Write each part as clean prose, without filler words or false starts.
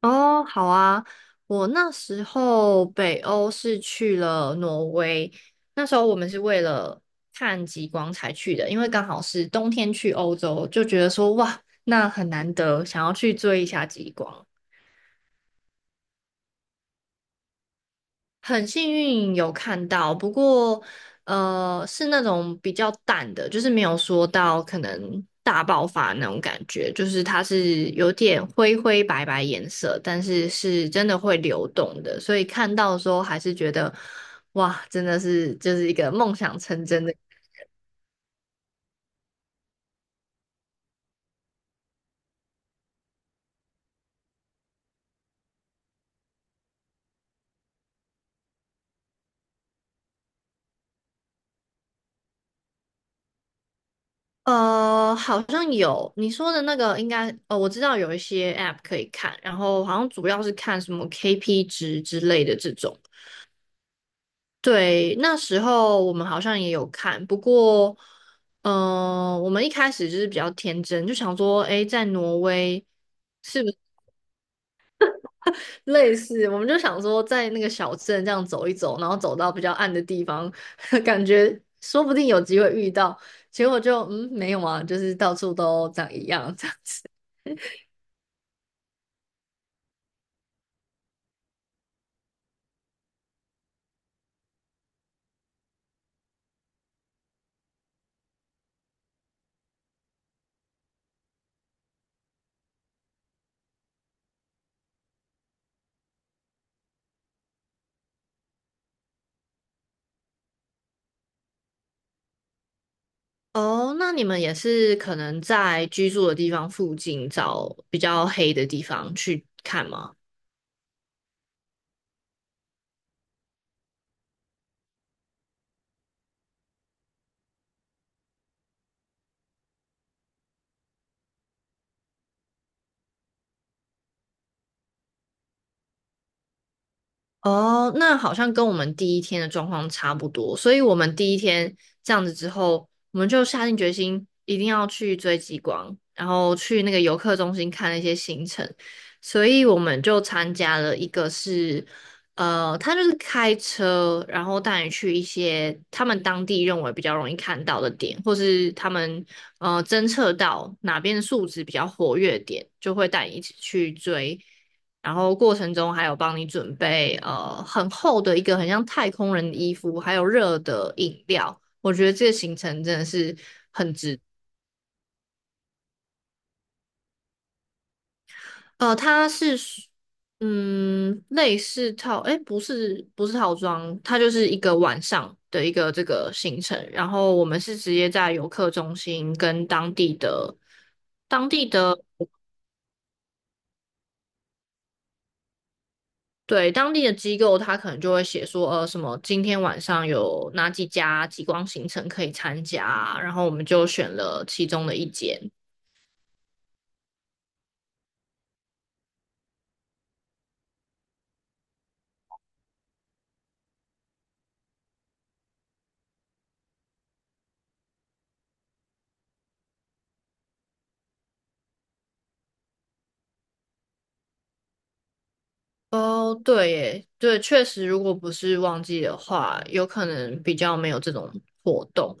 哦，好啊，我那时候北欧是去了挪威，那时候我们是为了看极光才去的，因为刚好是冬天去欧洲，就觉得说哇，那很难得，想要去追一下极光。很幸运有看到，不过是那种比较淡的，就是没有说到可能大爆发那种感觉，就是它是有点灰灰白白颜色，但是是真的会流动的，所以看到的时候还是觉得哇，真的是就是一个梦想成真的。好像有你说的那个，应该我知道有一些 app 可以看，然后好像主要是看什么 KP 值之类的这种。对，那时候我们好像也有看，不过，嗯、我们一开始就是比较天真，就想说，诶，在挪威是不是 类似？我们就想说，在那个小镇这样走一走，然后走到比较暗的地方，感觉说不定有机会遇到。结果就，嗯，没有啊，就是到处都长一样这样子。哦，那你们也是可能在居住的地方附近找比较黑的地方去看吗？哦，那好像跟我们第一天的状况差不多，所以我们第一天这样子之后，我们就下定决心一定要去追极光，然后去那个游客中心看那些行程，所以我们就参加了一个是，他就是开车，然后带你去一些他们当地认为比较容易看到的点，或是他们侦测到哪边的数值比较活跃点，就会带你一起去追。然后过程中还有帮你准备很厚的一个很像太空人的衣服，还有热的饮料。我觉得这个行程真的是，它是嗯类似套，哎不是套装，它就是一个晚上的一个这个行程。然后我们是直接在游客中心跟当地的对，当地的机构，他可能就会写说，什么今天晚上有哪几家极光行程可以参加啊，然后我们就选了其中的一间。哦，对耶，对，确实，如果不是旺季的话，有可能比较没有这种活动。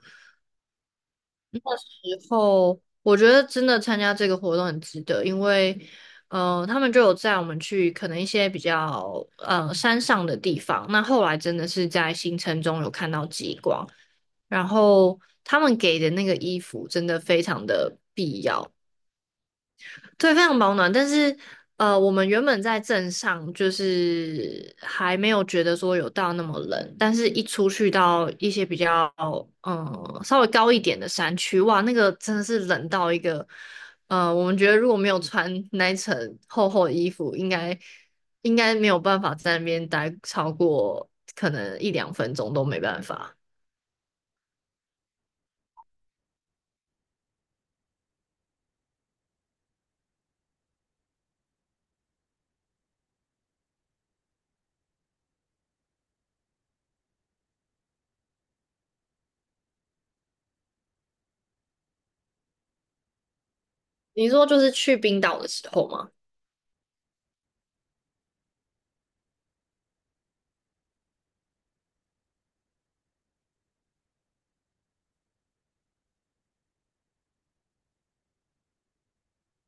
后，我觉得真的参加这个活动很值得，因为，他们就有载我们去可能一些比较山上的地方。那后来真的是在行程中有看到极光，然后他们给的那个衣服真的非常的必要。对，非常保暖。但是，我们原本在镇上，就是还没有觉得说有到那么冷，但是一出去到一些比较，嗯，稍微高一点的山区，哇，那个真的是冷到一个，我们觉得如果没有穿 那一层厚厚的衣服，应该没有办法在那边待超过可能一两分钟都没办法。你说就是去冰岛的时候吗？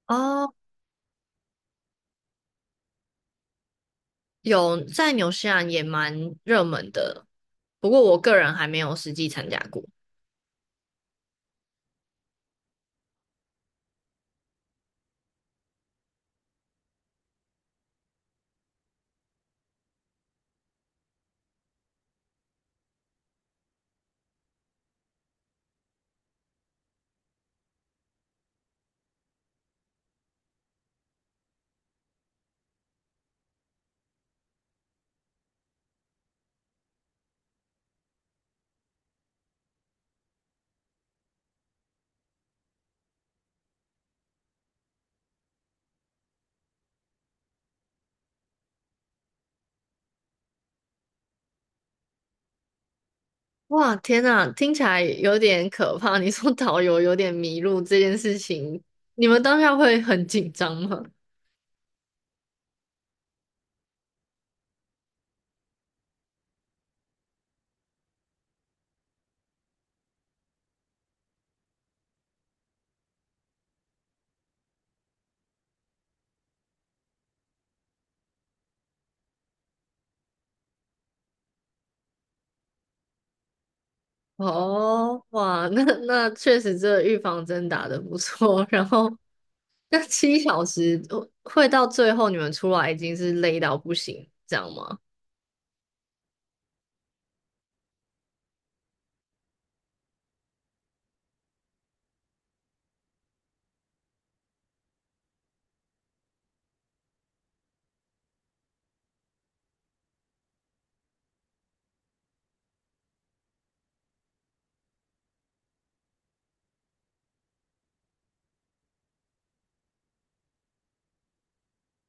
哦有在纽西兰也蛮热门的，不过我个人还没有实际参加过。哇，天呐，听起来有点可怕。你说导游有点迷路这件事情，你们当下会很紧张吗？哦，哇，那那确实这预防针打得不错。然后那七小时会到最后你们出来已经是累到不行，这样吗？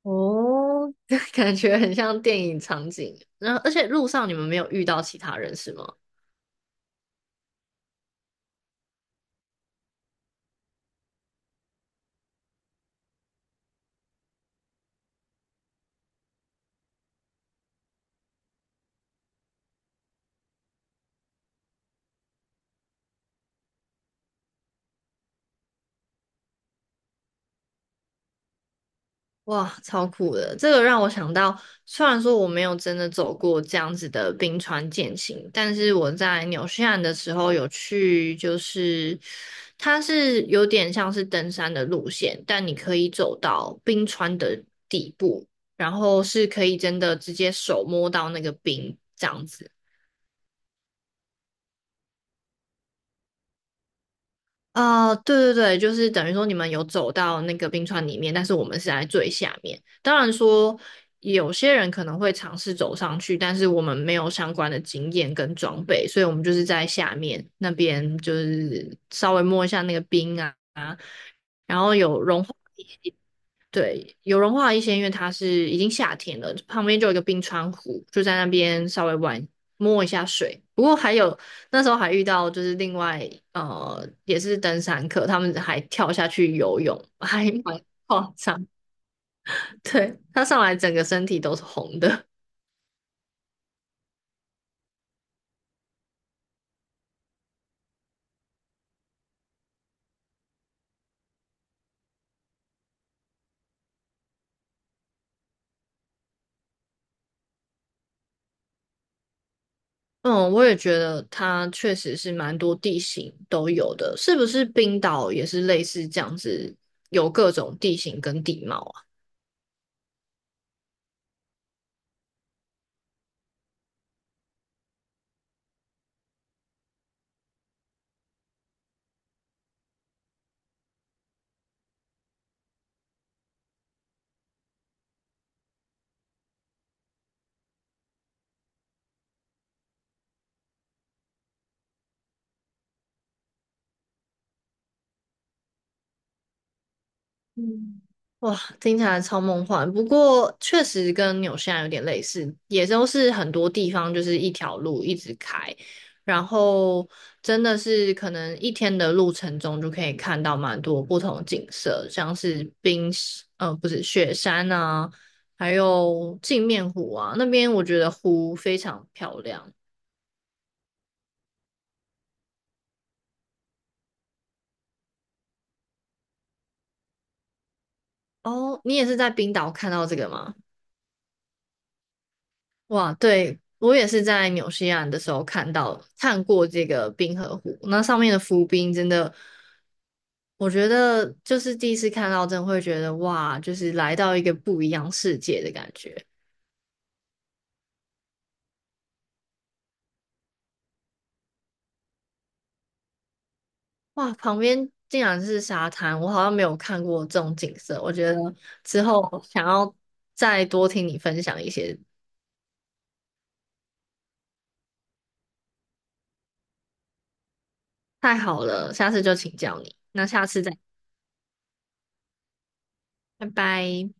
哦，感觉很像电影场景。然后而且路上你们没有遇到其他人是吗？哇，超酷的！这个让我想到，虽然说我没有真的走过这样子的冰川健行，但是我在纽西兰的时候有去，就是它是有点像是登山的路线，但你可以走到冰川的底部，然后是可以真的直接手摸到那个冰这样子。哦，对对对，就是等于说你们有走到那个冰川里面，但是我们是在最下面。当然说，有些人可能会尝试走上去，但是我们没有相关的经验跟装备，所以我们就是在下面那边，就是稍微摸一下那个冰啊，然后有融化。对，有融化的一些，因为它是已经夏天了，旁边就有一个冰川湖，就在那边稍微玩摸一下水。不过还有那时候还遇到就是另外也是登山客，他们还跳下去游泳，还蛮夸张。对，他上来整个身体都是红的。嗯，我也觉得它确实是蛮多地形都有的，是不是冰岛也是类似这样子，有各种地形跟地貌啊？嗯，哇，听起来超梦幻。不过确实跟纽西兰有点类似，也都是很多地方就是一条路一直开，然后真的是可能一天的路程中就可以看到蛮多不同的景色，像是冰，不是雪山啊，还有镜面湖啊，那边我觉得湖非常漂亮。哦，你也是在冰岛看到这个吗？哇，对，我也是在纽西兰的时候看到看过这个冰河湖，那上面的浮冰真的，我觉得就是第一次看到，真的会觉得哇，就是来到一个不一样世界的感觉。哇，旁边竟然是沙滩，我好像没有看过这种景色。我觉得之后想要再多听你分享一些，太好了，下次就请教你。那下次再，拜拜。